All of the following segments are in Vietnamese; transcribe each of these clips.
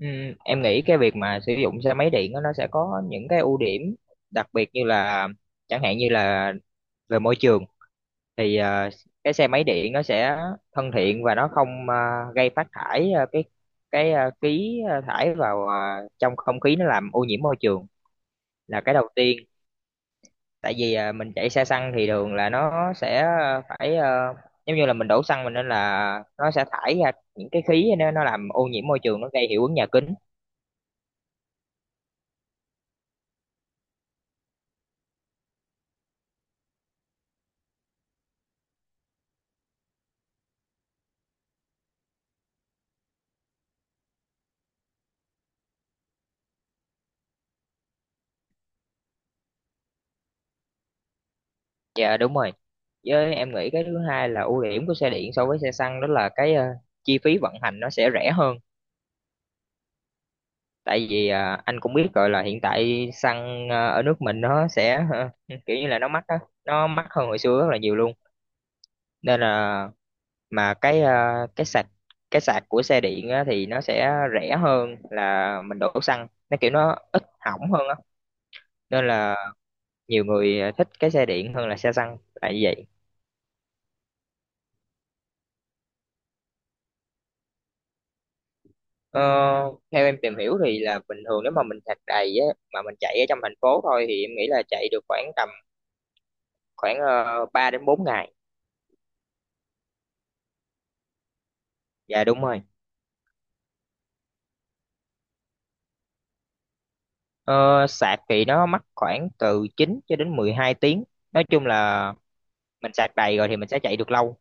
Ừ, em nghĩ cái việc mà sử dụng xe máy điện á, nó sẽ có những cái ưu điểm đặc biệt như là chẳng hạn như là về môi trường thì cái xe máy điện nó sẽ thân thiện và nó không gây phát thải cái khí thải vào trong không khí nó làm ô nhiễm môi trường là cái đầu tiên. Tại vì mình chạy xe xăng thì thường là nó sẽ phải giống như là mình đổ xăng mình, nên là nó sẽ thải ra những cái khí, nó làm ô nhiễm môi trường, nó gây hiệu ứng nhà kính. Dạ đúng rồi. Với em nghĩ cái thứ hai là ưu điểm của xe điện so với xe xăng đó là cái chi phí vận hành nó sẽ rẻ hơn. Tại vì anh cũng biết rồi là hiện tại xăng ở nước mình nó sẽ kiểu như là nó mắc á, nó mắc hơn hồi xưa rất là nhiều luôn. Nên là mà cái ờ, Cái sạc của xe điện á, thì nó sẽ rẻ hơn là mình đổ xăng. Nó kiểu nó ít hỏng hơn á. Nên là nhiều người thích cái xe điện hơn là xe xăng. Tại vì vậy. Ờ, theo em tìm hiểu thì là bình thường nếu mà mình sạc đầy á mà mình chạy ở trong thành phố thôi thì em nghĩ là chạy được khoảng tầm khoảng 3 đến 4 ngày. Dạ đúng rồi. Ờ, sạc thì nó mất khoảng từ 9 cho đến 12 tiếng. Nói chung là mình sạc đầy rồi thì mình sẽ chạy được lâu.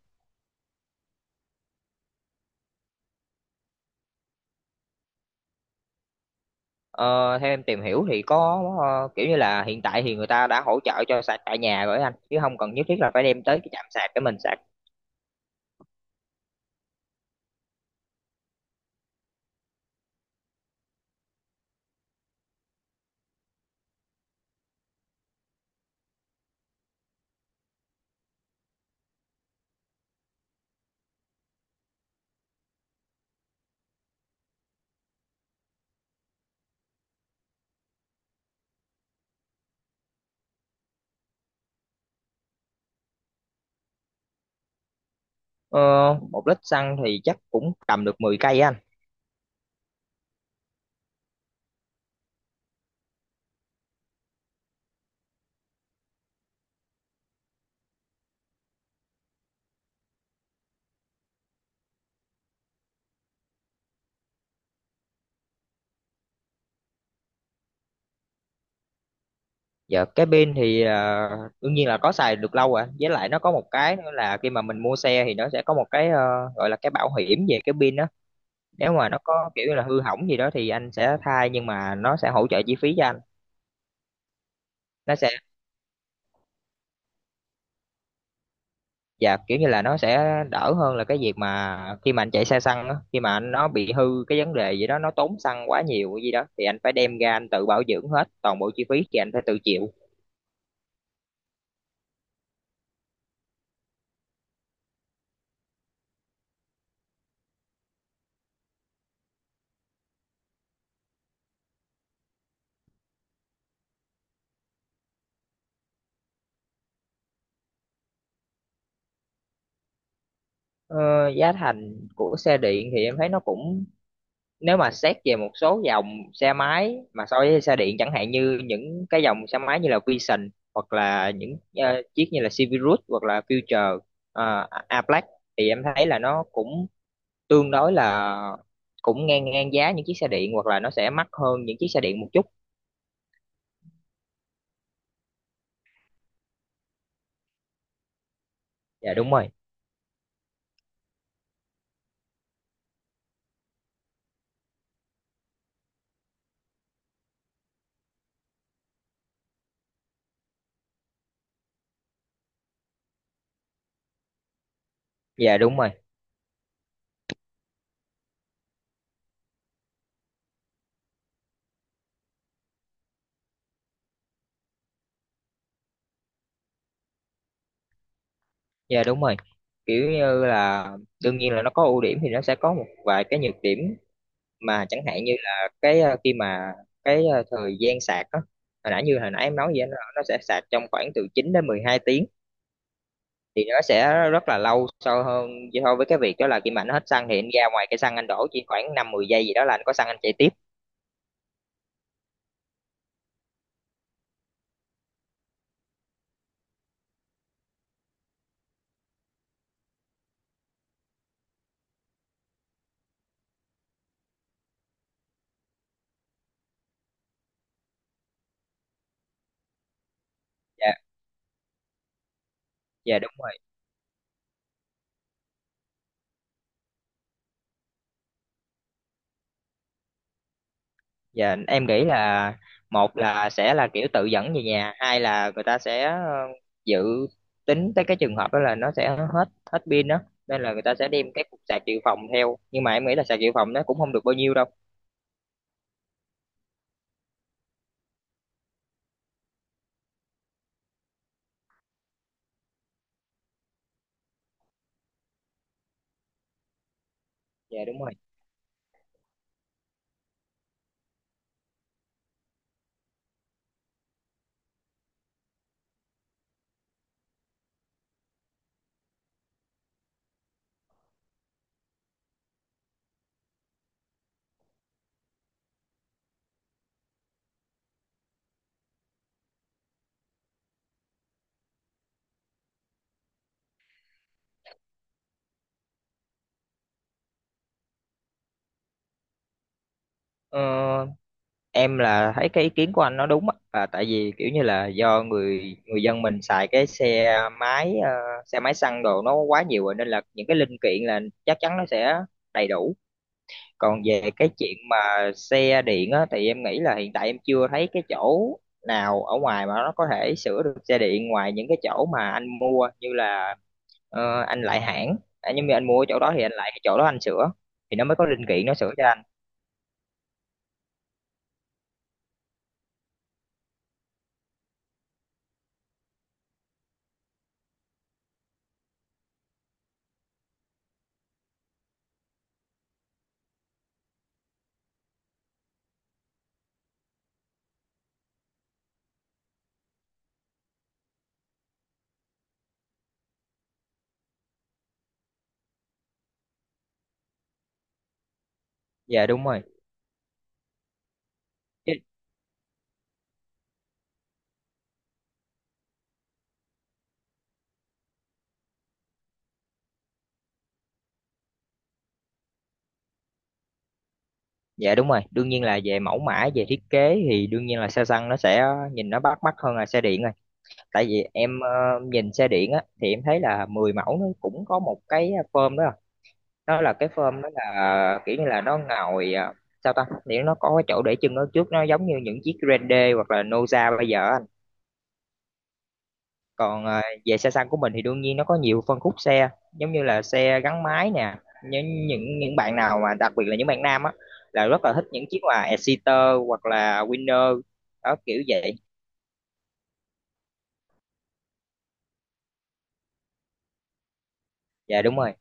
Ờ, theo em tìm hiểu thì có kiểu như là hiện tại thì người ta đã hỗ trợ cho sạc tại nhà rồi á anh, chứ không cần nhất thiết là phải đem tới cái trạm sạc để mình sạc. Ờ, một lít xăng thì chắc cũng tầm được 10 cây á anh. Dạ cái pin thì đương nhiên là có xài được lâu rồi, với lại nó có một cái nữa là khi mà mình mua xe thì nó sẽ có một cái gọi là cái bảo hiểm về cái pin đó, nếu mà nó có kiểu như là hư hỏng gì đó thì anh sẽ thay, nhưng mà nó sẽ hỗ trợ chi phí cho anh. Nó sẽ Dạ, kiểu như là nó sẽ đỡ hơn là cái việc mà khi mà anh chạy xe xăng đó, khi mà anh nó bị hư cái vấn đề gì đó, nó tốn xăng quá nhiều gì đó thì anh phải đem ra anh tự bảo dưỡng, hết toàn bộ chi phí thì anh phải tự chịu. Ờ, giá thành của xe điện thì em thấy nó cũng, nếu mà xét về một số dòng xe máy mà so với xe điện, chẳng hạn như những cái dòng xe máy như là Vision, hoặc là những chiếc như là Civic, hoặc là Future, A Black, thì em thấy là nó cũng tương đối là cũng ngang ngang giá những chiếc xe điện, hoặc là nó sẽ mắc hơn những chiếc xe điện một chút. Dạ đúng rồi. Dạ đúng rồi. Dạ đúng rồi, kiểu như là đương nhiên là nó có ưu điểm thì nó sẽ có một vài cái nhược điểm, mà chẳng hạn như là cái khi mà thời gian sạc á, hồi nãy em nói vậy, nó sẽ sạc trong khoảng từ 9 đến 12 tiếng, thì nó sẽ rất là lâu so hơn, so với cái việc đó là khi mà anh hết xăng thì anh ra ngoài cái xăng anh đổ chỉ khoảng 5 10 giây gì đó là anh có xăng anh chạy tiếp. Dạ. Dạ đúng rồi. Dạ em nghĩ là, một là sẽ là kiểu tự dẫn về nhà, hai là người ta sẽ dự tính tới cái trường hợp đó là nó sẽ hết, hết pin đó, nên là người ta sẽ đem cái cục sạc dự phòng theo, nhưng mà em nghĩ là sạc dự phòng nó cũng không được bao nhiêu đâu. Dạ đúng rồi. Ờ, em là thấy cái ý kiến của anh nó đúng á, tại vì kiểu như là do người người dân mình xài cái xe máy xe máy xăng đồ nó quá nhiều rồi, nên là những cái linh kiện là chắc chắn nó sẽ đầy đủ. Còn về cái chuyện mà xe điện á thì em nghĩ là hiện tại em chưa thấy cái chỗ nào ở ngoài mà nó có thể sửa được xe điện, ngoài những cái chỗ mà anh mua, như là anh lại hãng. À, nhưng mà anh mua ở chỗ đó thì anh lại chỗ đó anh sửa, thì nó mới có linh kiện nó sửa cho anh. Dạ đúng rồi. Dạ đúng rồi, đương nhiên là về mẫu mã, về thiết kế thì đương nhiên là xe xăng nó sẽ nhìn nó bắt mắt hơn là xe điện rồi. Tại vì em, nhìn xe điện á thì em thấy là 10 mẫu nó cũng có một cái phơm đó. Đó là cái phơm đó là kiểu như là nó ngồi sao ta, thì nó có cái chỗ để chân ở trước nó giống như những chiếc Grande, hoặc là Noza bây giờ á. Còn về xe xăng của mình thì đương nhiên nó có nhiều phân khúc xe, giống như là xe gắn máy nè, những bạn nào mà đặc biệt là những bạn nam á là rất là thích những chiếc là Exciter hoặc là Winner, đó kiểu vậy. Dạ đúng rồi.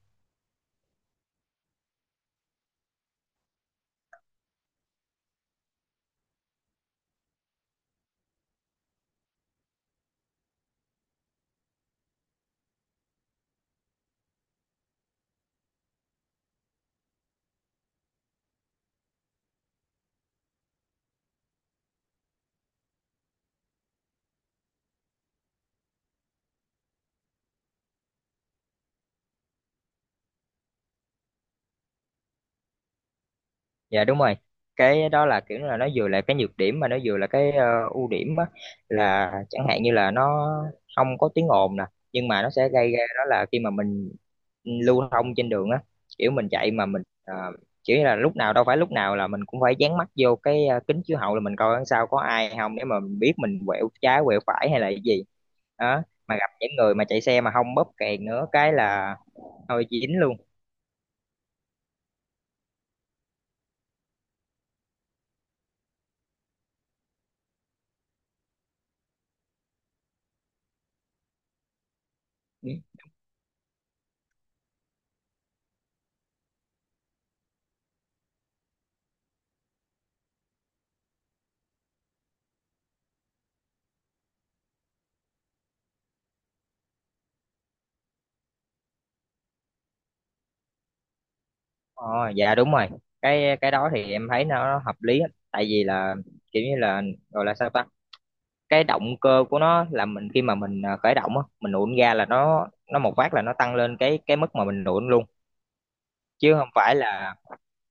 Dạ đúng rồi. Cái đó là kiểu là nó vừa là cái nhược điểm mà nó vừa là cái ưu điểm á, là chẳng hạn như là nó không có tiếng ồn nè, nhưng mà nó sẽ gây ra đó là khi mà mình lưu thông trên đường á, kiểu mình chạy mà mình kiểu như là, lúc nào đâu phải lúc nào là mình cũng phải dán mắt vô cái kính chiếu hậu là mình coi đằng sau có ai không để mà mình biết mình quẹo trái quẹo phải hay là cái gì. Đó, mà gặp những người mà chạy xe mà không bóp kèn nữa cái là thôi dính luôn. Ờ, dạ đúng rồi, cái đó thì em thấy nó hợp lý á. Tại vì là kiểu như là, gọi là sao ta, cái động cơ của nó là mình, khi mà mình khởi động á, mình nổ ga là nó một phát là nó tăng lên cái mức mà mình nổ luôn, chứ không phải là.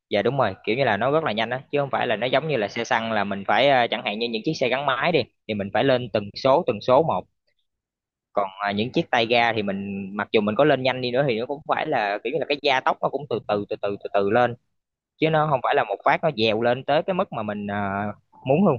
Dạ đúng rồi, kiểu như là nó rất là nhanh á, chứ không phải là nó giống như là xe xăng là mình phải, chẳng hạn như những chiếc xe gắn máy đi thì mình phải lên từng số một. Còn những chiếc tay ga thì mình mặc dù mình có lên nhanh đi nữa thì nó cũng phải là kiểu như là cái gia tốc nó cũng từ từ từ từ từ từ lên, chứ nó không phải là một phát nó dèo lên tới cái mức mà mình muốn luôn.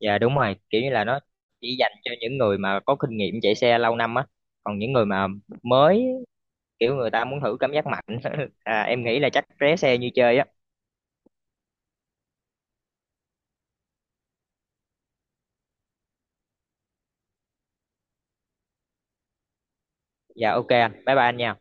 Dạ đúng rồi, kiểu như là nó chỉ dành cho những người mà có kinh nghiệm chạy xe lâu năm á, còn những người mà mới, kiểu người ta muốn thử cảm giác mạnh em nghĩ là chắc ré xe như chơi á. Dạ ok anh, bye bye anh nha.